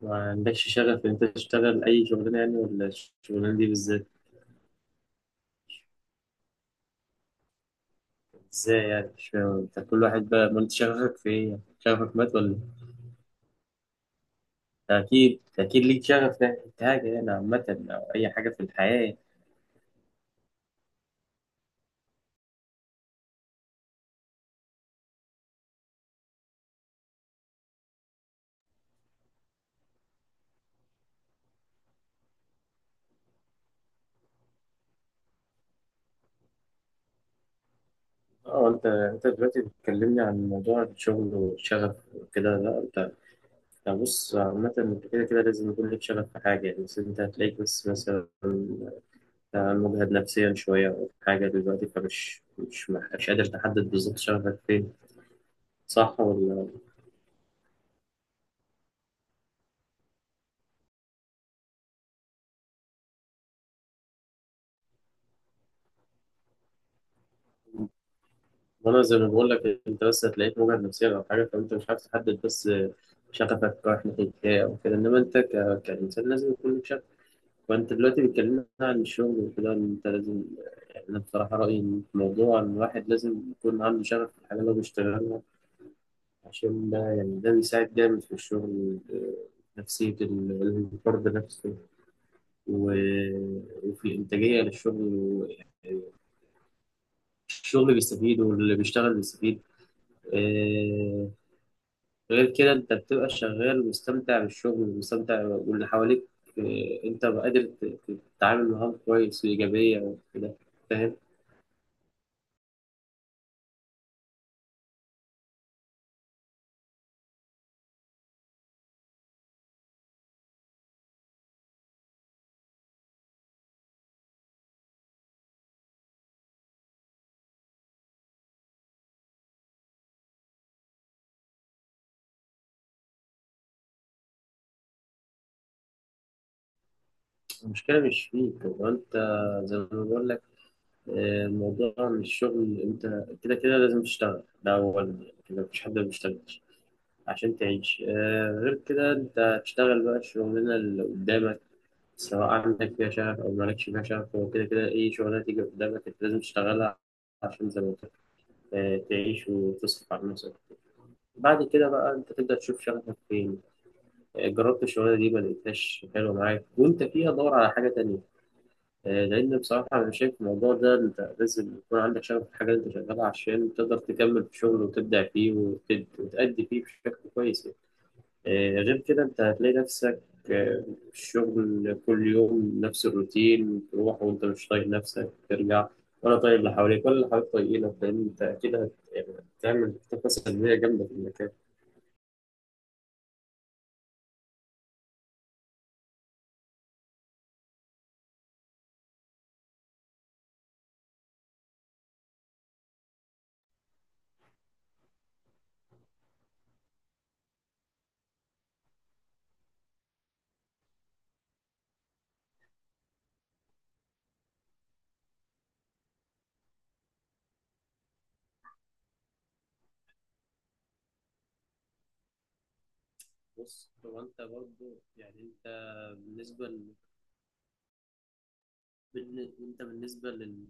ما عندكش شغف إن أنت تشتغل أي شغلانة يعني، ولا الشغلانة دي بالذات؟ إزاي يعني؟ مش فاهم. أنت كل واحد بقى، ما أنت شغفك في إيه يعني؟ شغفك مات ولا إيه؟ أكيد أكيد ليك شغف ناحية حاجة يعني، عامة أو أي حاجة في الحياة يعني. أه، أنت دلوقتي بتكلمني عن موضوع الشغل والشغف وكده. لا أنت بص، عامة أنت كده كده لازم يكون ليك شغف في حاجة يعني. بس أنت هتلاقيك بس مثلا مجهد نفسيا شوية أو حاجة دلوقتي، فمش مش مش قادر تحدد بالظبط شغفك فين. صح ولا؟ وانا زي ما بقول لك، انت بس هتلاقيك مجهد نفسيا او حاجه، فانت مش عارف تحدد بس شغفك رايح ناحيه ايه او كده. انما انت كانسان لازم يكون لك شغف. وانت دلوقتي بيتكلمنا عن الشغل وكده، إن انت لازم، يعني انا بصراحه رايي إن في موضوع ان الواحد لازم يكون عنده شغف في الحاجه اللي هو بيشتغلها. عشان ده يعني ده بيساعد جامد في الشغل. آه، نفسيه الحر بنفسه، و... وفي انتاجيه للشغل، و- الشغل بيستفيد واللي بيشتغل بيستفيد. آه. غير كده انت بتبقى شغال مستمتع بالشغل ومستمتع واللي حواليك. آه، انت بقى قادر تتعامل معاهم كويس وإيجابية وكده. فاهم؟ المشكلة مش فيك، هو انت زي ما بقول لك، آه، الموضوع مش شغل. انت كده كده لازم تشتغل، ده أولا يعني. كده مفيش حد ما بيشتغلش عشان تعيش. آه، غير كده انت تشتغل بقى الشغلانة اللي قدامك، سواء عندك فيها شغف أو مالكش فيها شغف. هو كده كده أي شغلانة تيجي قدامك أنت لازم تشتغلها، عشان زي ما قلت، آه، تعيش وتصرف على نفسك. بعد كده بقى انت تبدأ تشوف شغفك فين. آه، جربت الشغلانة دي، ما لقيتهاش حلوة معاك وانت فيها، دور على حاجة تانية. آه، لأن بصراحة أنا شايف الموضوع ده، أنت لازم يكون عندك شغف في الحاجة اللي أنت شغالها عشان تقدر تكمل في الشغل وتبدع فيه، وتأدي فيه بشكل كويس يعني. آه، غير كده انت هتلاقي نفسك، آه، الشغل كل يوم نفس الروتين، تروح وانت مش طايق نفسك، ترجع ولا طايق اللي حواليك ولا اللي حواليك طايقينك، لان انت اكيد هت- يعني هتعمل طاقة سلبية جامدة في المكان. بص، هو انت برضه يعني انت بالنسبه ل... انت بالنسبه لل...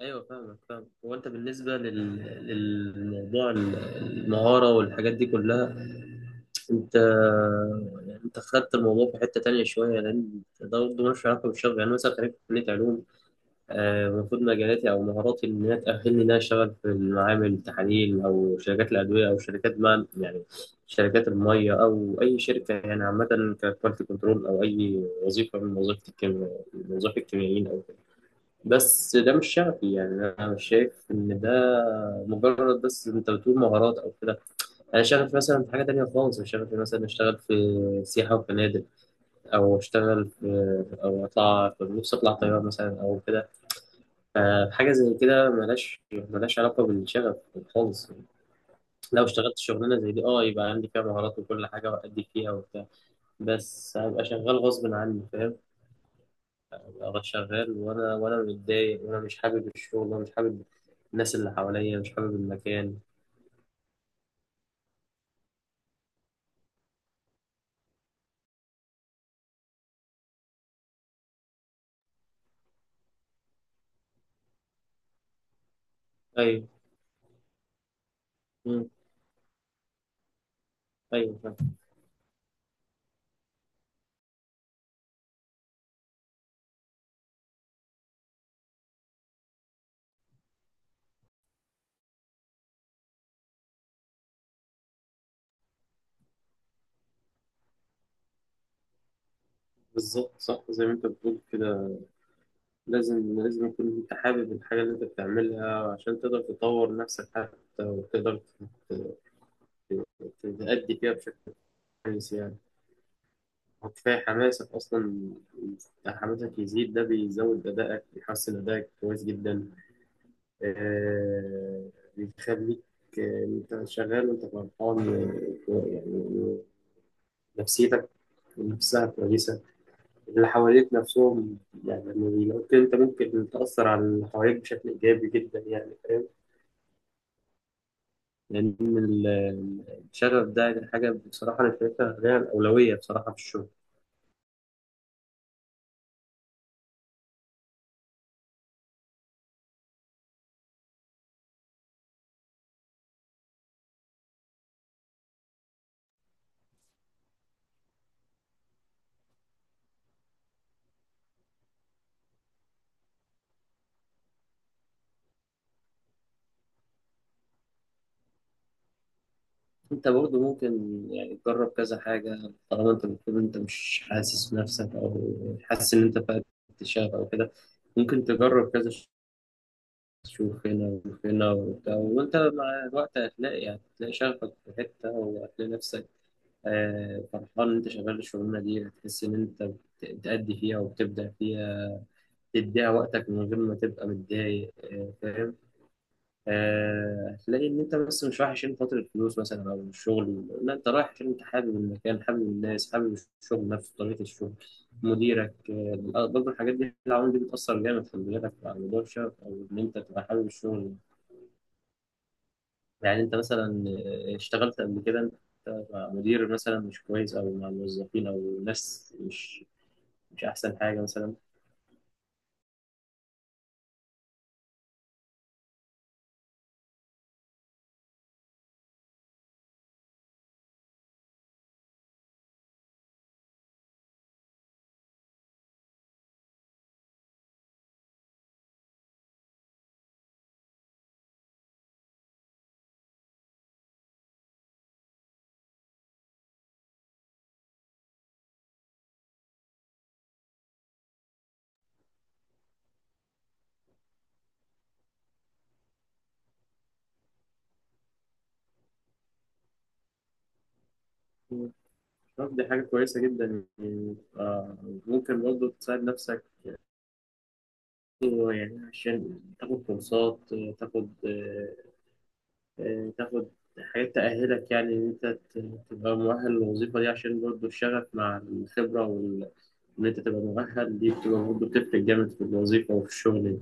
ايوه، فاهمك، فاهم. هو انت بالنسبه لل... للموضوع ال- المهاره والحاجات دي كلها، انت يعني انت خدت الموضوع في حته تانية شويه، لان ده برضه ملوش علاقه بالشغل. يعني مثلا خريج كليه علوم، آه، المفروض مجالاتي او مهاراتي ان هي تاهلني ان انا اشتغل في المعامل التحاليل او شركات الادويه او شركات، ما يعني شركات الميه او اي شركه يعني، عامه ككواليتي كنترول او اي وظيفه من وظيفه الكيمياء، من وظائف الكيميائيين. بس ده مش شغفي يعني. انا مش شايف ان ده، مجرد بس انت بتقول مهارات او كده. انا شغفي مثلا في حاجه تانية خالص. انا شغفي مثلا اشتغل في سياحه وفنادق، او اشتغل في، او اطلع نفسي، اطلع طياره مثلا او كده. فحاجه زي كده ملهاش علاقه بالشغف خالص. لو اشتغلت شغلانه زي دي، اه، يبقى عندي فيها مهارات وكل حاجه وادي فيها وبتاع، بس هبقى شغال غصب عني. فاهم؟ ابقى شغال وانا متضايق، وانا مش حابب الشغل، وانا مش حابب الناس اللي حواليا، مش حابب المكان. ايوه. مم. ايوه، فاهم. بالظبط، صح، زي ما انت بتقول كده. لازم لازم يكون انت حابب الحاجه اللي انت بتعملها عشان تقدر تطور نفسك حتى، وتقدر تأدي فيها بشكل كويس يعني. وكفايه حماسك اصلا. حماسك يزيد، ده بيزود ادائك، بيحسن ادائك كويس جدا. آه، بيخليك، آه، انت شغال وانت فرحان. آه يعني، نفسيتك نفسها كويسة، اللي حواليك نفسهم، يعني لما بيلاقوك كده، انت ممكن تأثر على اللي حواليك بشكل إيجابي جدا يعني. فاهم؟ لأن الشغف ده يعني حاجة، بصراحة أنا شايفها ليها الأولوية بصراحة في الشغل. أنت برضه ممكن يعني تجرب كذا حاجة، طالما أنت بتقول أنت مش حاسس بنفسك أو حاسس إن أنت فقدت الشغف أو كده. ممكن تجرب كذا، تشوف هنا وشوف هنا وبتاع، وانت مع الوقت هتلاقي، يعني هتلاقي شغفك في حتة، وهتلاقي نفسك آه، فرحان ان انت شغال الشغلانة دي. هتحس ان انت بتأدي فيها وبتبدع فيها، تديها وقتك من غير ما تبقى متضايق. آه، فاهم. آه، هتلاقي ان انت بس مش رايح عشان خاطر الفلوس مثلا او الشغل. لا، انت رايح عشان انت حابب المكان، حابب الناس، حابب الشغل نفسه، طريقة الشغل، مديرك. آه، برضه الحاجات دي، العوامل دي بتأثر جامد في بالك على موضوع الشغف، او ان انت تبقى حابب الشغل. يعني انت مثلا آه، اشتغلت قبل كده، انت مع مدير مثلا مش كويس، او مع موظفين او ناس مش، مش احسن حاجه مثلا. طب دي حاجه كويسه جدا يعني. آه، ممكن برضه تساعد نفسك يعني، عشان تاخد كورسات، تاخد آه، آه، تاخد حاجات تأهلك يعني، إن أنت ت- تبقى مؤهل للوظيفة دي. عشان برضه الشغف مع الخبرة وإن أنت تبقى مؤهل دي، بتبقى برضه بتفرق جامد في الوظيفة وفي الشغل.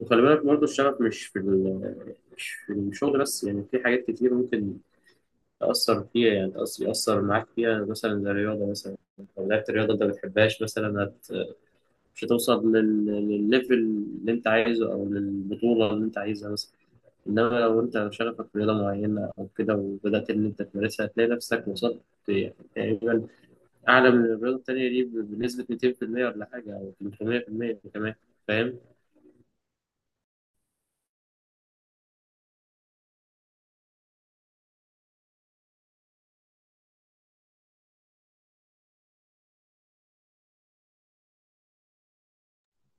وخلي بالك برضه، الشغف مش في ال- مش في الشغل بس يعني، في حاجات كتير ممكن تأثر فيها يعني، يأثر معاك فيها، مثلا زي الرياضة مثلا. لو لعبت الرياضة أنت ما بتحبهاش مثلا، مش هتوصل للليفل اللي أنت عايزه أو للبطولة اللي أنت عايزها مثلا. إنما لو أنت شغفك في رياضة معينة أو كده وبدأت إن أنت تمارسها، هتلاقي نفسك وصلت يعني تقريبا أعلى من الرياضة التانية دي بنسبة 200% ولا حاجة، أو 300% كمان. فاهم؟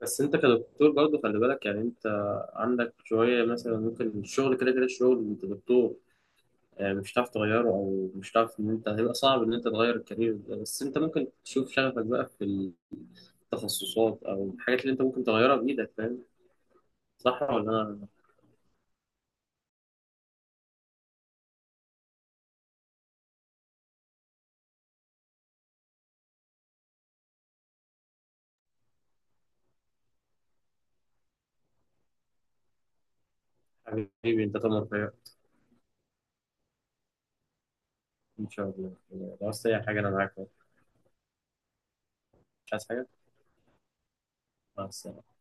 بس انت كدكتور برضه خلي بالك يعني. انت عندك شوية مثلا، ممكن الشغل كده كده، الشغل انت دكتور يعني، مش هتعرف تغيره، او مش هتعرف ان انت، هيبقى صعب ان انت تغير الكارير ده. بس انت ممكن تشوف شغفك بقى في التخصصات او الحاجات اللي انت ممكن تغيرها بايدك. فاهم؟ صح ولا؟ انا حبيبي، انت تمر فيا. ان شاء الله، لو عايز اي حاجة انا معاك. مش عايز حاجة. مع السلامة.